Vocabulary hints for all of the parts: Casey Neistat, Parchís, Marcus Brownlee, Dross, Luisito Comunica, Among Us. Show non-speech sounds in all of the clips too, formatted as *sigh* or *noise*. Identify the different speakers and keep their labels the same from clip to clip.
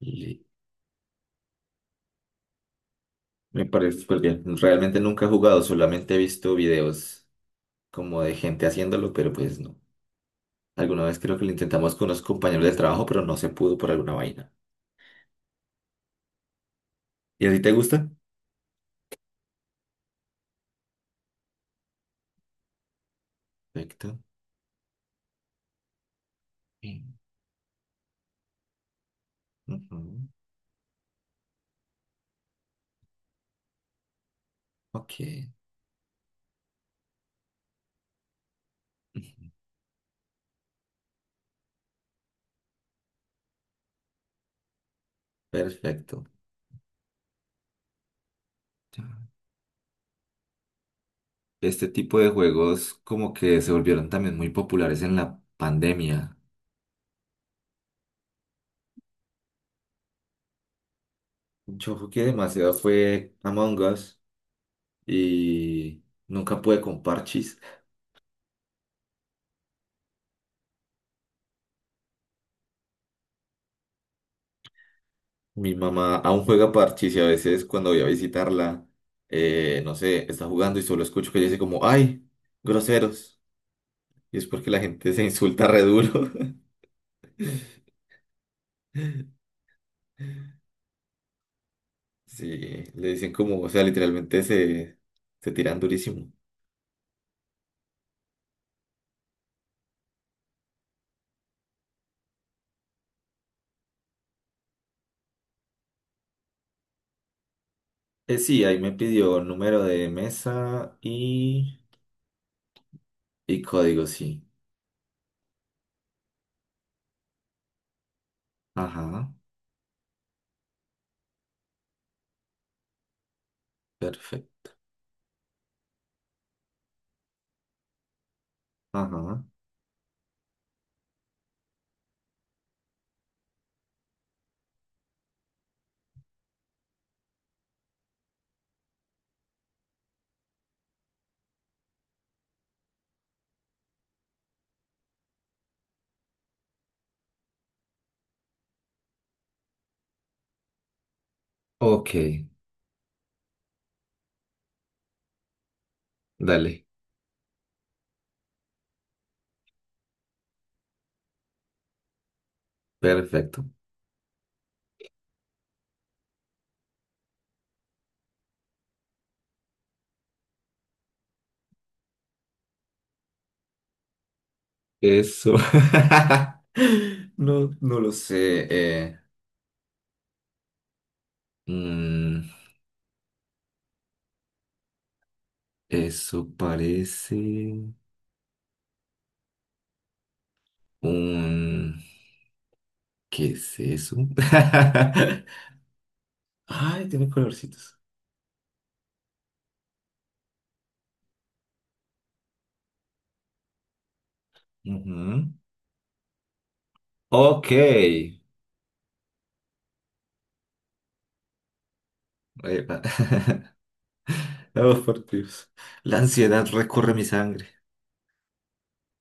Speaker 1: Y me parece porque realmente nunca he jugado, solamente he visto videos como de gente haciéndolo, pero pues no. Alguna vez creo que lo intentamos con unos compañeros de trabajo, pero no se pudo por alguna vaina. ¿Y a ti te gusta? Perfecto. Sí. Ujú. Ok. Ujú. Perfecto. Ya. Este tipo de juegos como que se volvieron también muy populares en la pandemia. Yo jugué demasiado fue Among Us y nunca pude con Parchís. Mi mamá aún juega parchís y a veces cuando voy a visitarla, no sé, está jugando y solo escucho que ella dice como, ¡ay! Groseros. Y es porque la gente se insulta re duro. *laughs* Sí, le dicen como, o sea, literalmente se tiran durísimo. Sí, ahí me pidió número de mesa y código, sí. Ajá, perfecto. Ajá. Ok, dale, perfecto. Eso. *laughs* No, no lo sé. Mm, eso parece un... ¿Qué es eso? *laughs* Ay, tiene colorcitos. Ujú. Ok. Epa. *laughs* Oh, por Dios. La ansiedad recorre mi sangre.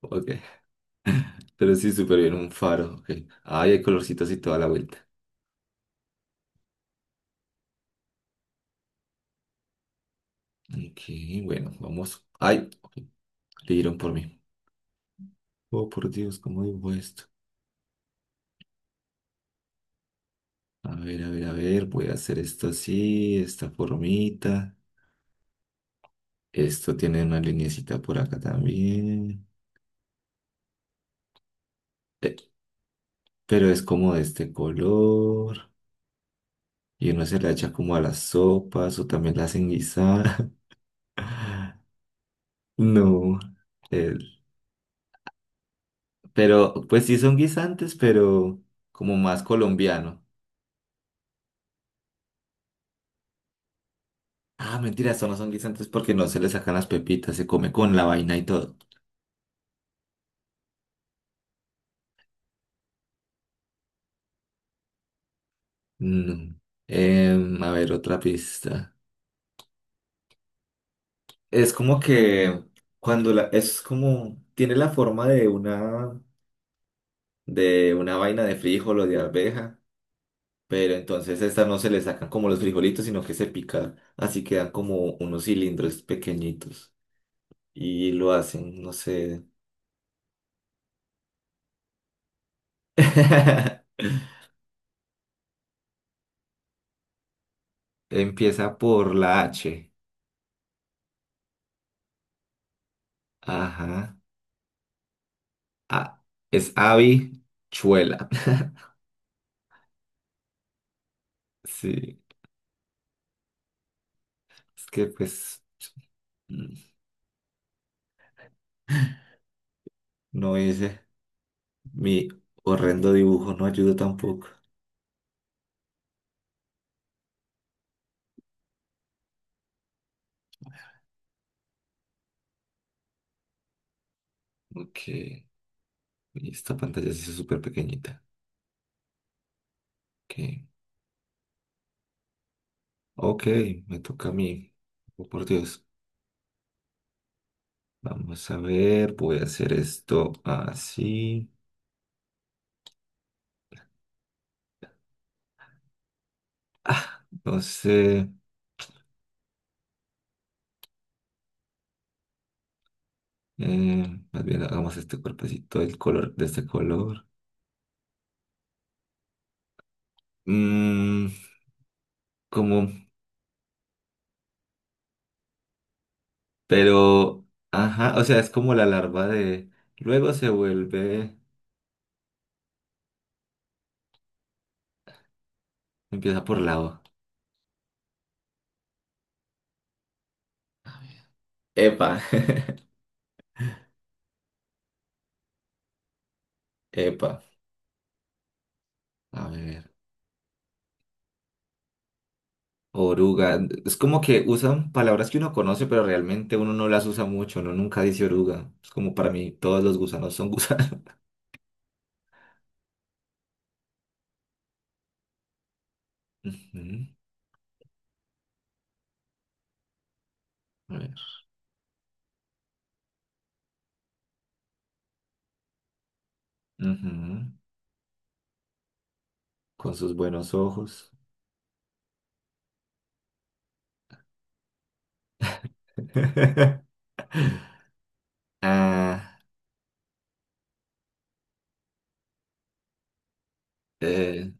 Speaker 1: Ok. Pero sí, súper bien. Un faro. Ok. Ay, hay colorcitos y toda la vuelta. Ok, bueno, vamos. Ay, ok, le dieron por mí. Oh, por Dios, ¿cómo digo esto? A ver, a ver, a ver. Voy a hacer esto así, esta formita. Esto tiene una linecita por acá también. Eh, pero es como de este color. Y uno se la echa como a las sopas o también la hacen guisar. *laughs* No. el- pero pues sí son guisantes, pero como más colombiano. Ah, mentira, estos no son guisantes porque no se le sacan las pepitas, se come con la vaina y todo. No. A ver, otra pista. Es como que cuando es como, tiene la forma de una vaina de frijol o de arveja, pero entonces estas no se le sacan como los frijolitos, sino que se pica, así quedan como unos cilindros pequeñitos y lo hacen, no sé. *laughs* Empieza por la H. Ajá. Ah, es habichuela. *laughs* Sí, es que pues mm, no hice mi horrendo dibujo, no ayudo tampoco. Ok, y esta pantalla se es súper pequeñita. Ok. Ok, me toca a mí. Oh, por Dios. Vamos a ver, voy a hacer esto así. No sé. Más bien hagamos este cuerpecito, el color de este color. Mm, como, pero, ajá, o sea, es como la larva de... Luego se vuelve, empieza por lava. Epa. *laughs* Epa, a ver, oruga. Es como que usan palabras que uno conoce, pero realmente uno no las usa mucho, uno nunca dice oruga. Es como para mí, todos los gusanos son *laughs* gusanos. Ujú. A ver. Ujú. Con sus buenos ojos. *laughs* Ah, eh,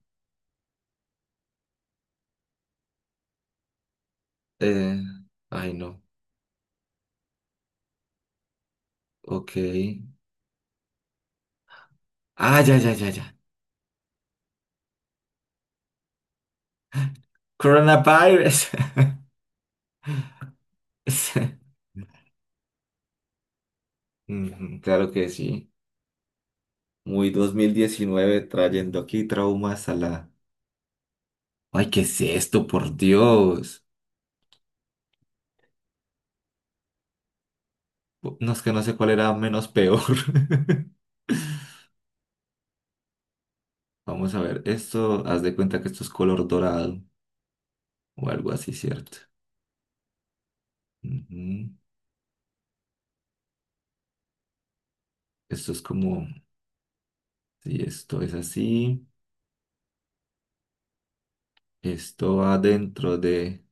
Speaker 1: eh, ay, no. Ok. Ah, ya, ya, ya, ya. Coronavirus. *laughs* Sí. Ujú. Claro que sí. Muy 2019 trayendo aquí traumas a la... Ay, ¿qué es esto? Por Dios. No es que no sé cuál era menos peor. *laughs* Vamos a ver, esto, haz de cuenta que esto es color dorado o algo así, ¿cierto? Ujú. Esto es como si esto es así, esto va dentro de...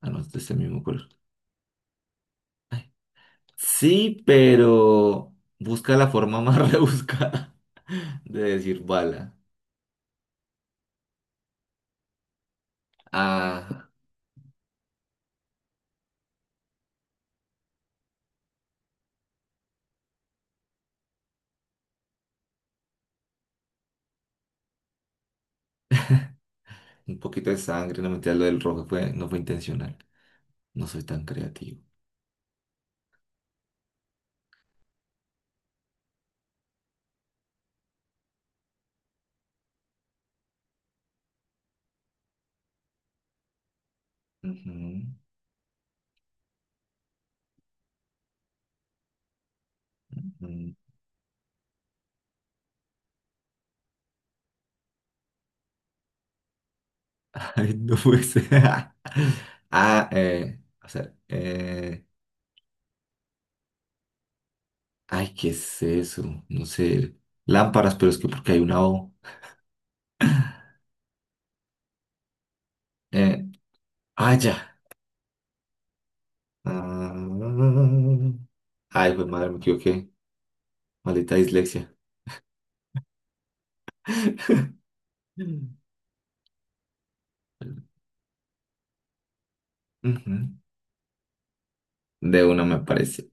Speaker 1: Ah, no, es de este mismo color. Sí, pero busca la forma más *laughs* rebuscada de decir bala. Ah, un poquito de sangre, no mentira, lo del rojo fue, no fue intencional. No soy tan creativo. Ujú, ujú. *laughs* Ay, no puede ser. *laughs* Ah, eh, o sea, eh, ay, ¿qué es eso? No sé. Lámparas, pero es que porque hay una O. Eh, ah, ya. Ah. Ay, pues madre, me equivoqué. Maldita dislexia. Mm. Ujú. De una me parece.